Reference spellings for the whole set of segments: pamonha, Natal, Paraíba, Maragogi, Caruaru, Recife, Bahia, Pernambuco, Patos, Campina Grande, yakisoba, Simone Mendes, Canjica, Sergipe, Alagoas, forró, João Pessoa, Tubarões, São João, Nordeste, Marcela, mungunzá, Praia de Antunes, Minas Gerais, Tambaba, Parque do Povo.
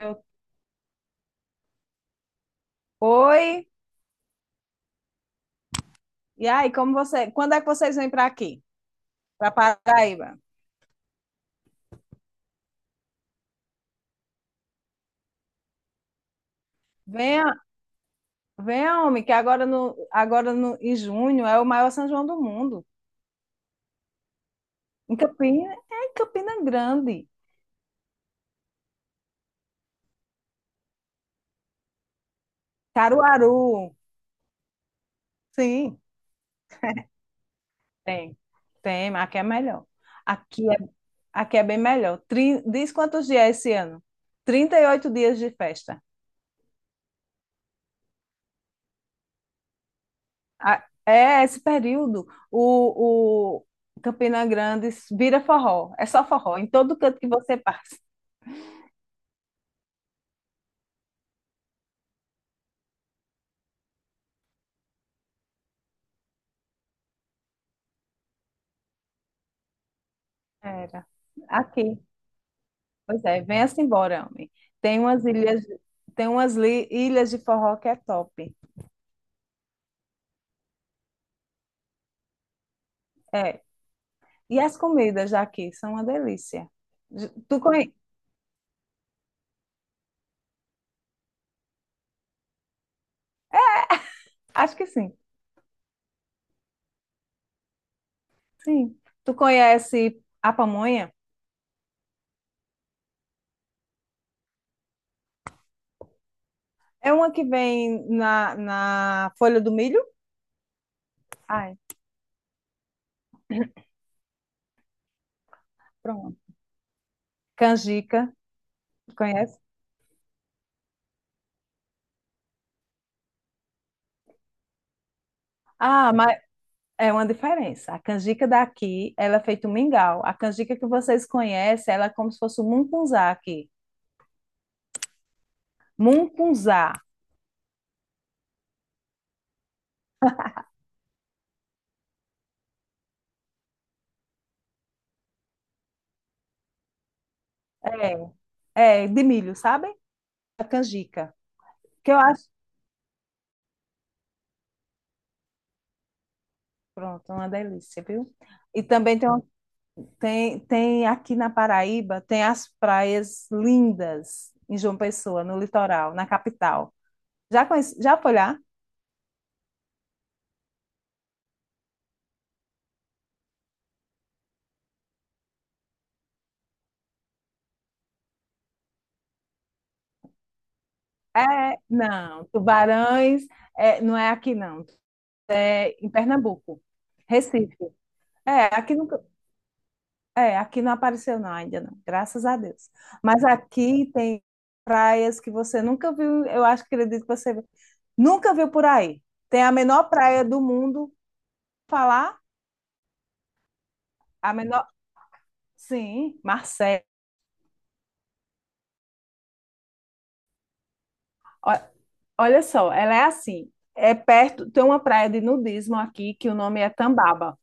Eu- Oi, e aí, como você, quando é que vocês vêm para aqui, para Paraíba? Venha, venha, homem, que agora no, em junho é o maior São João do mundo. É em Campina Grande, Caruaru. Sim, tem, tem, mas aqui é melhor. Aqui é, aqui é bem melhor. Diz quantos dias é esse ano? 38 dias de festa. É esse período, o Campina Grande vira forró, é só forró, em todo canto que você passa. Era. Aqui. Pois é, venha-se embora, homem. Tem umas ilhas, tem umas li- ilhas de forró que é top. É. E as comidas daqui são uma delícia. J- Tu conhe... Acho que sim. Sim. Tu conhece a pamonha? É uma que vem na folha do milho? Ai, pronto. Canjica, tu conhece? Ah, é uma diferença. A canjica daqui, ela é feita um mingau. A canjica que vocês conhecem, ela é como se fosse um mungunzá aqui. Mungunzá. É, é de milho, sabe? A canjica. Que eu acho, pronto, uma delícia, viu? E também tem, tem aqui na Paraíba, tem as praias lindas em João Pessoa, no litoral, na capital. Já conhece, já foi lá? Não, tubarões, é, não é aqui não, é em Pernambuco, Recife. É, aqui no É, aqui não apareceu não, ainda não, graças a Deus. Mas aqui tem praias que você nunca viu, eu acho que ele disse que você viu- nunca viu por aí. Tem a menor praia do mundo, falar, a menor, sim, Marcela. Ó, olha só, ela é assim, é perto, tem uma praia de nudismo aqui que o nome é Tambaba.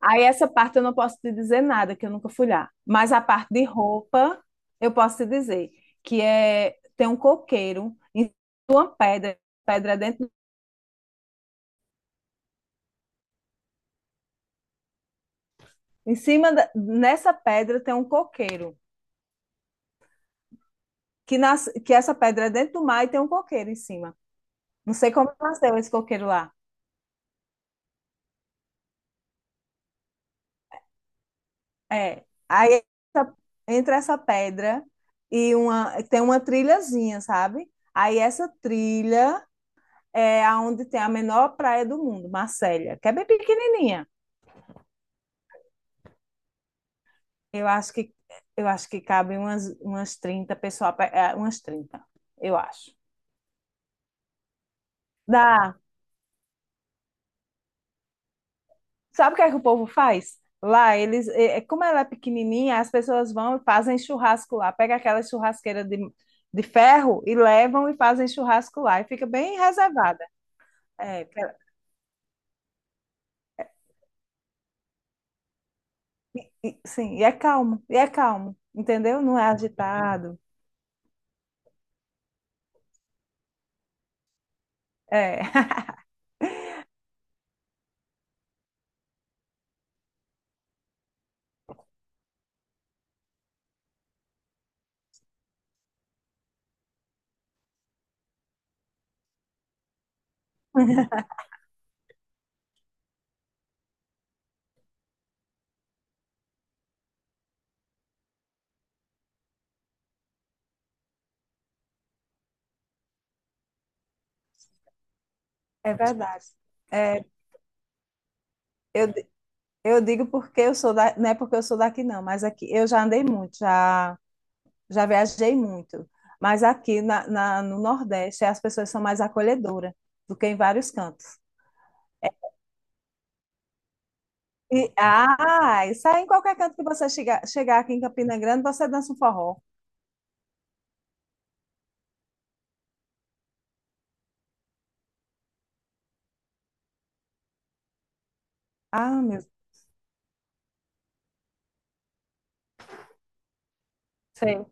Aí essa parte eu não posso te dizer nada, que eu nunca fui lá. Mas a parte de roupa, eu posso te dizer, que é, tem um coqueiro em uma pedra, pedra dentro. Nessa pedra tem um coqueiro, que, nas, que essa pedra é dentro do mar e tem um coqueiro em cima. Não sei como nasceu esse coqueiro lá. É. Essa- Entre essa pedra e uma tem uma trilhazinha, sabe? Aí essa trilha é aonde tem a menor praia do mundo, Marcélia, que é bem pequenininha. Eu acho que eu acho que cabe umas 30 pessoas, a pé, é, umas 30, eu acho. Dá, sabe o que é que o povo faz? Lá, eles, é, como ela é pequenininha, as pessoas vão e fazem churrasco lá. Pega aquela churrasqueira de ferro e levam e fazem churrasco lá. E fica bem reservada. É, sim, e é calmo, entendeu? Não é agitado. É, é verdade. É, eu, eu digo porque eu sou da, não é porque eu sou daqui, não, mas aqui eu já andei muito, já. Já viajei muito, mas aqui no Nordeste as pessoas são mais acolhedoras do que em vários cantos. E, ah, isso aí em qualquer canto que você chegar, chegar aqui em Campina Grande, você dança um forró. Ah, meu Deus. Sim.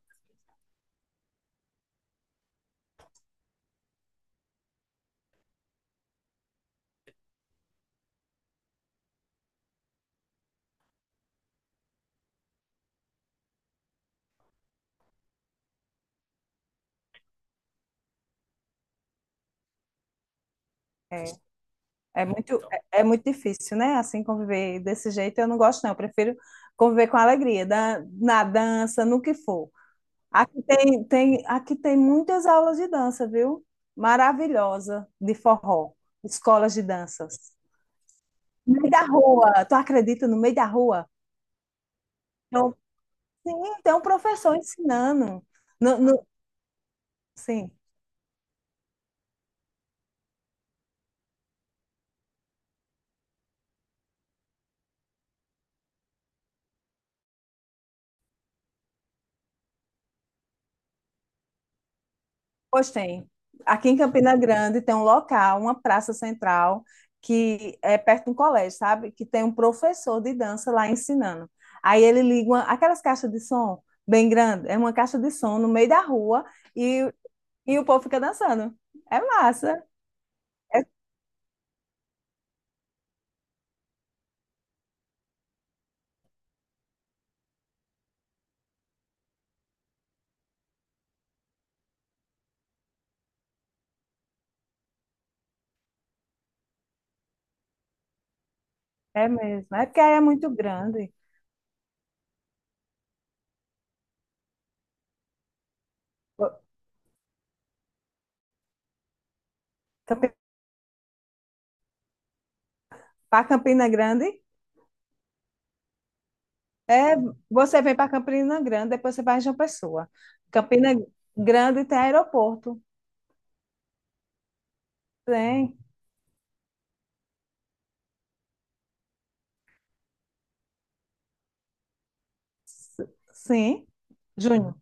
é, é muito, é muito difícil, né? Assim, conviver desse jeito, eu não gosto, não. Eu prefiro conviver com alegria, na dança, no que for. Aqui tem muitas aulas de dança, viu? Maravilhosa, de forró, escolas de danças. No meio da rua, tu acredita, no meio da rua? Então, sim, tem um professor ensinando. No, no- sim, pois tem. Aqui em Campina Grande tem um local, uma praça central, que é perto de um colégio, sabe? Que tem um professor de dança lá ensinando. Aí ele liga aquelas caixas de som bem grande, é uma caixa de som no meio da rua e, e o povo fica dançando. É massa. É É mesmo. É porque aí é muito grande. Para Campina Grande, você vem para Campina Grande, depois você vai em João Pessoa. Campina Grande tem aeroporto. Tem. Sim, Júnior.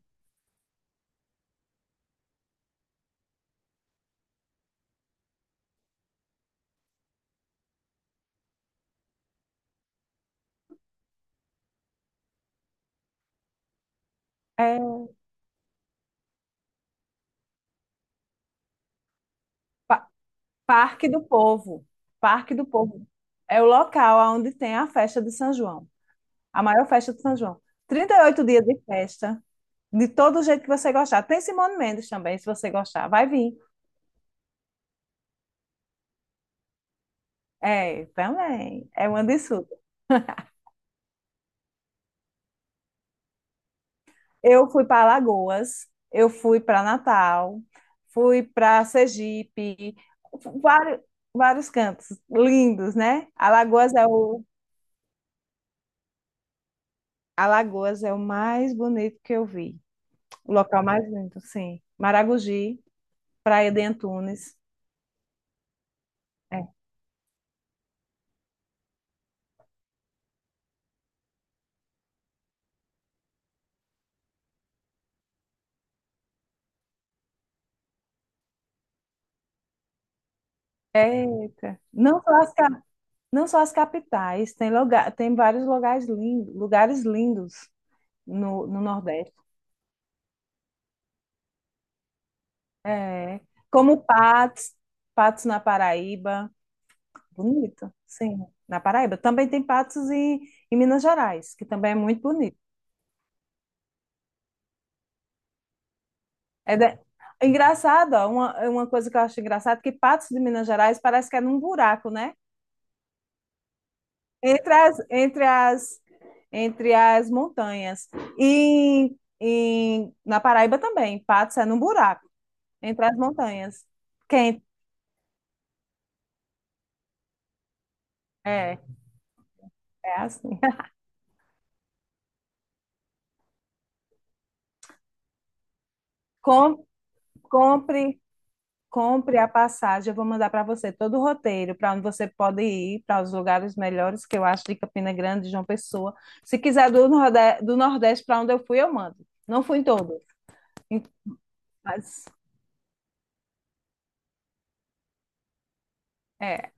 É Pa- Parque do Povo. Parque do Povo. É o local onde tem a festa de São João. A maior festa de São João. 38 dias de festa. De todo jeito que você gostar. Tem Simone Mendes também, se você gostar. Vai vir. É, também. É uma disso. Eu fui para Alagoas, eu fui para Natal, fui para Sergipe, fu- vários, vários cantos lindos, né? Alagoas é o mais bonito que eu vi, o local mais lindo, sim. Maragogi, Praia de Antunes. É. Eita, não só as capitais, tem lugar, tem vários lugares lindos no Nordeste. É, como Patos, Patos na Paraíba. Bonito, sim. Na Paraíba. Também tem patos em Minas Gerais, que também é muito bonito. É da- Engraçado, ó, uma coisa que eu acho engraçado, é que patos de Minas Gerais parece que é num buraco, né? Entre as, entre as, entre as montanhas. E na Paraíba também, patos é num buraco, entre as montanhas. Quem? É, é assim. Com, compre. Compre a passagem, eu vou mandar para você todo o roteiro para onde você pode ir, para os lugares melhores que eu acho de Campina Grande, João Pessoa. Se quiser do Nordeste para onde eu fui, eu mando. Não fui em todo, mas é.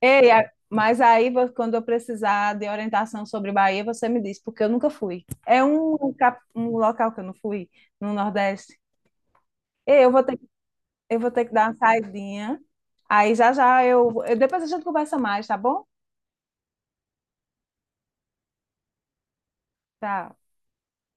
Ei, quando eu precisar de orientação sobre Bahia, você me diz, porque eu nunca fui. É um, um local que eu não fui no Nordeste. Ei, eu vou ter que dar uma saidinha. Aí já já eu depois a gente conversa mais, tá bom? Tá.